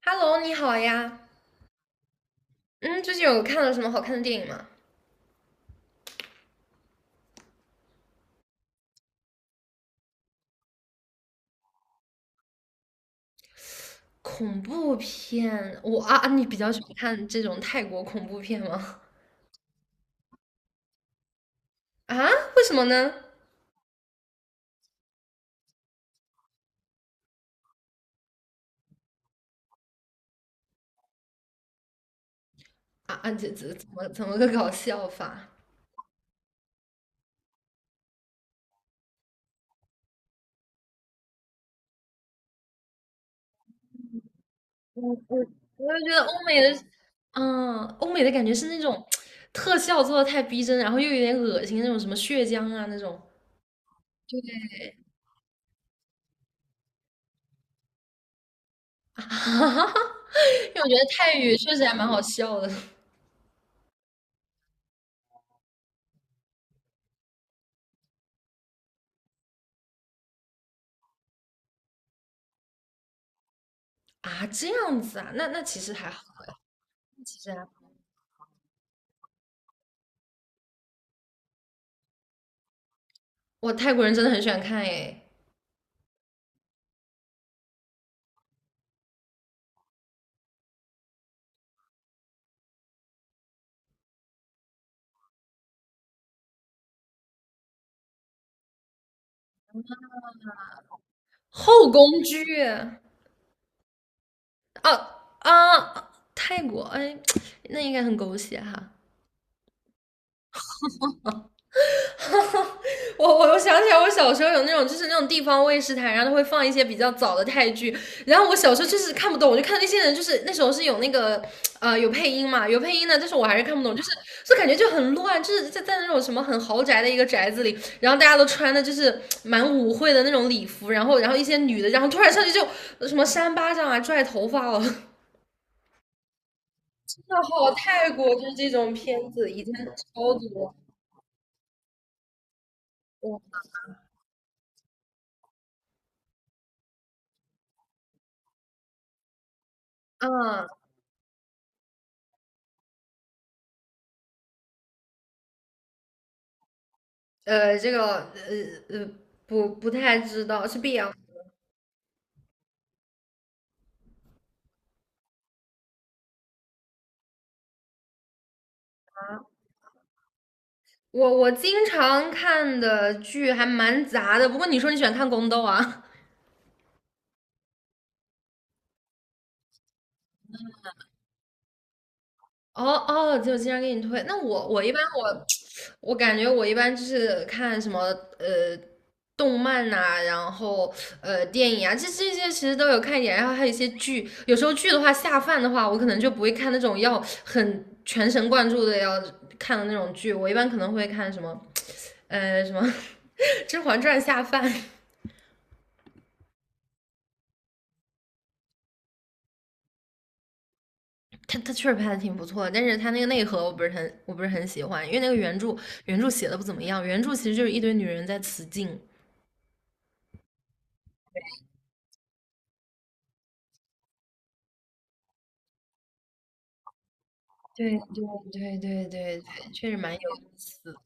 Hello，你好呀。嗯，最近有看了什么好看的电影吗？恐怖片，我啊，你比较喜欢看这种泰国恐怖片吗？啊，为什么呢？啊啊，这怎么个搞笑法？我我我就觉得欧美的，欧美的感觉是那种特效做的太逼真，然后又有点恶心那种什么血浆啊那种。哈哈，因为我觉得泰语确实还蛮好笑的。啊，这样子啊，那其实还好，其实还好。我泰国人真的很喜欢看诶。后宫剧啊啊！泰国，哎，那应该很狗血哈。我想起来，我小时候有那种就是那种地方卫视台，然后它会放一些比较早的泰剧，然后我小时候就是看不懂，我就看那些人就是那时候是有那个有配音嘛，有配音的，但是我还是看不懂，就是就感觉就很乱，就是在那种什么很豪宅的一个宅子里，然后大家都穿的就是蛮舞会的那种礼服，然后一些女的，然后突然上去就什么扇巴掌啊、拽头发了。那好，泰国就是这种片子以前超多。我嗯这个呃不太知道是 BL。我经常看的剧还蛮杂的，不过你说你喜欢看宫斗啊？哦哦，就经常给你推。那我一般我 我感觉我一般就是看什么呃动漫呐、然后电影啊，这些其实都有看一点。然后还有一些剧，有时候剧的话下饭的话，我可能就不会看那种要很全神贯注的要看的那种剧。我一般可能会看什么什么 《甄嬛传》下饭。它确实拍的挺不错的，但是它那个内核我不是很喜欢，因为那个原著写的不怎么样，原著其实就是一堆女人在雌竞。对对对对对对，确实蛮有意思的。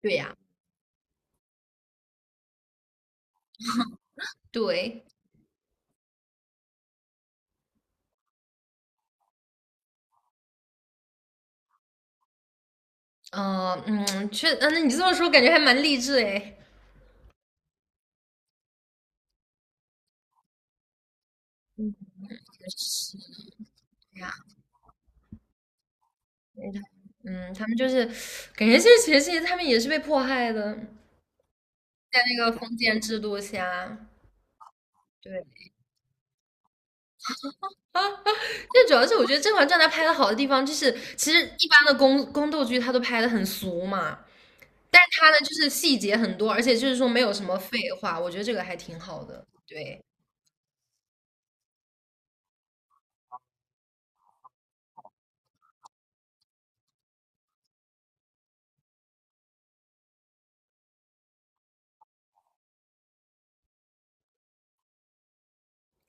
对呀，对，嗯嗯，那你这么说，感觉还蛮励志诶。是呀，因为他，他们就是，感觉这其实他们也是被迫害的，在那个封建制度下。对，但主要是我觉得《甄嬛传》它拍的好的地方，就是其实一般的宫斗剧它都拍的很俗嘛，但是它呢就是细节很多，而且就是说没有什么废话，我觉得这个还挺好的。对。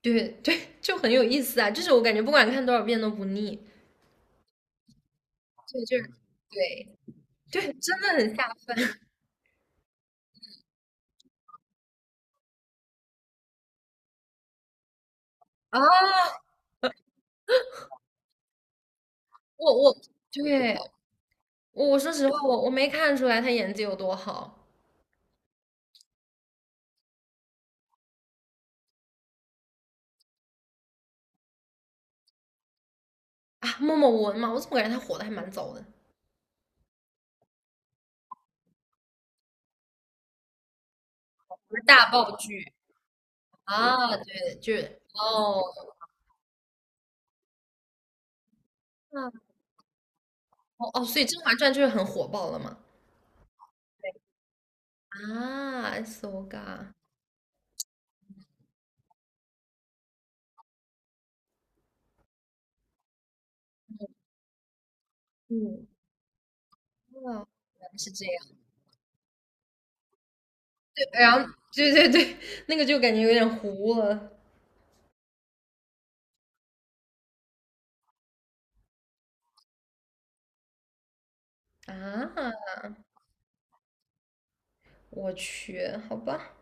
对 对，就很有意思啊！就是我感觉不管看多少遍都不腻，对，就是对对，真的很下饭啊！我对我说实话，我没看出来他演技有多好。啊！默莫文嘛，我怎么感觉他火的还蛮早的？什么大爆剧啊？对，就是哦，那哦哦，所以《甄嬛传》就是很火爆了嘛？啊，so ga，嗯，哇，原来是这样。对，然后对对对，那个就感觉有点糊了。啊！我去，好吧。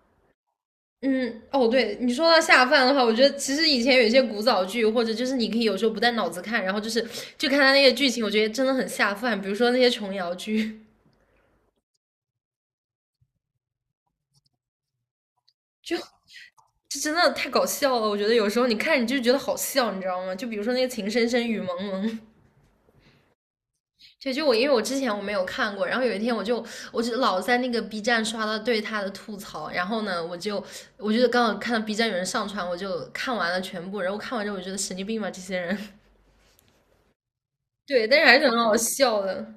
嗯，哦，对你说到下饭的话，我觉得其实以前有一些古早剧，或者就是你可以有时候不带脑子看，然后就是就看他那些剧情，我觉得真的很下饭。比如说那些琼瑶剧，就就真的太搞笑了。我觉得有时候你看你就觉得好笑，你知道吗？就比如说那个《情深深雨蒙蒙》，就因为我之前没有看过，然后有一天我就老在那个 B 站刷到对他的吐槽，然后呢，我就刚好看到 B 站有人上传，我就看完了全部，然后看完之后我觉得神经病吧这些人。对，但是还是很好笑的。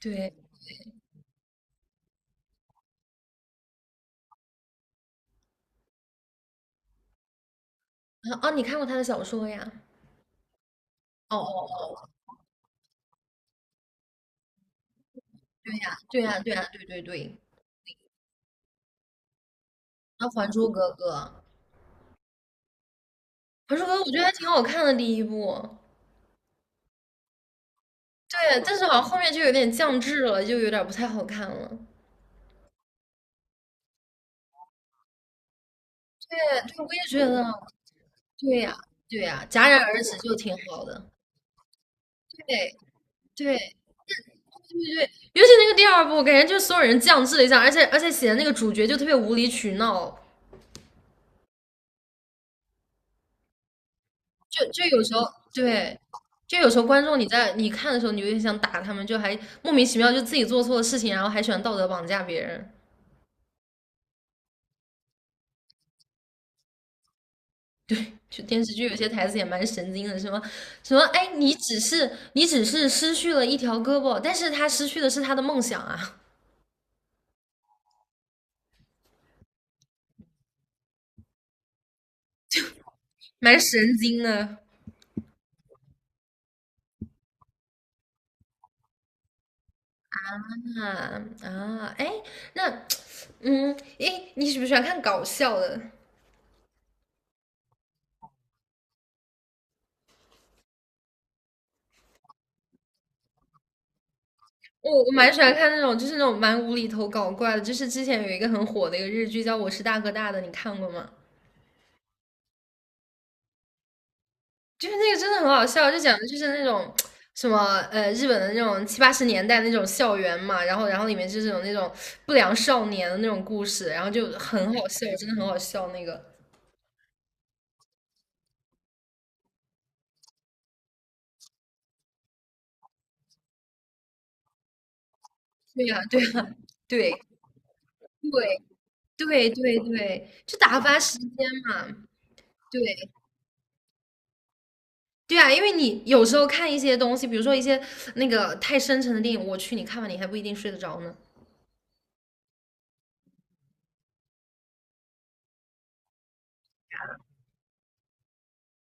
对，啊哦，你看过他的小说呀？哦哦，哦对呀，对呀，对对对。然后《还珠格格》，《还珠格格》我觉得还挺好看的第一部，对，但是好像后面就有点降智了，就有点不太好看了。对对，我也觉得，对呀，对呀，戛然而止就挺好的。对对对对，尤其那个第二部，感觉就是所有人降智了一下，而且写的那个主角就特别无理取闹。就有时候对，就有时候观众你看的时候，你有点想打他们，就还莫名其妙就自己做错了事情，然后还喜欢道德绑架别人。对，就电视剧有些台词也蛮神经的，什么什么，哎，你只是失去了一条胳膊，但是他失去的是他的梦想啊，蛮神经的。啊啊，哎，那 哎，你喜不喜欢看搞笑的？我蛮喜欢看那种，就是那种蛮无厘头搞怪的。就是之前有一个很火的一个日剧叫《我是大哥大的》，你看过吗？就是那个真的很好笑，就讲的就是那种什么日本的那种七八十年代那种校园嘛，然后里面就是有那种不良少年的那种故事，然后就很好笑，真的很好笑那个。对呀，对呀，对对对对对，就打发时间嘛。对对啊，因为你有时候看一些东西，比如说一些那个太深沉的电影，我去，你看完你还不一定睡得着呢。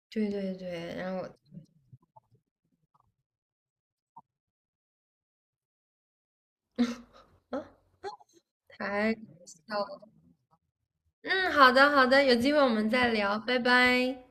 对对对，然后啊，太搞笑了。嗯，好的好的，有机会我们再聊，拜拜。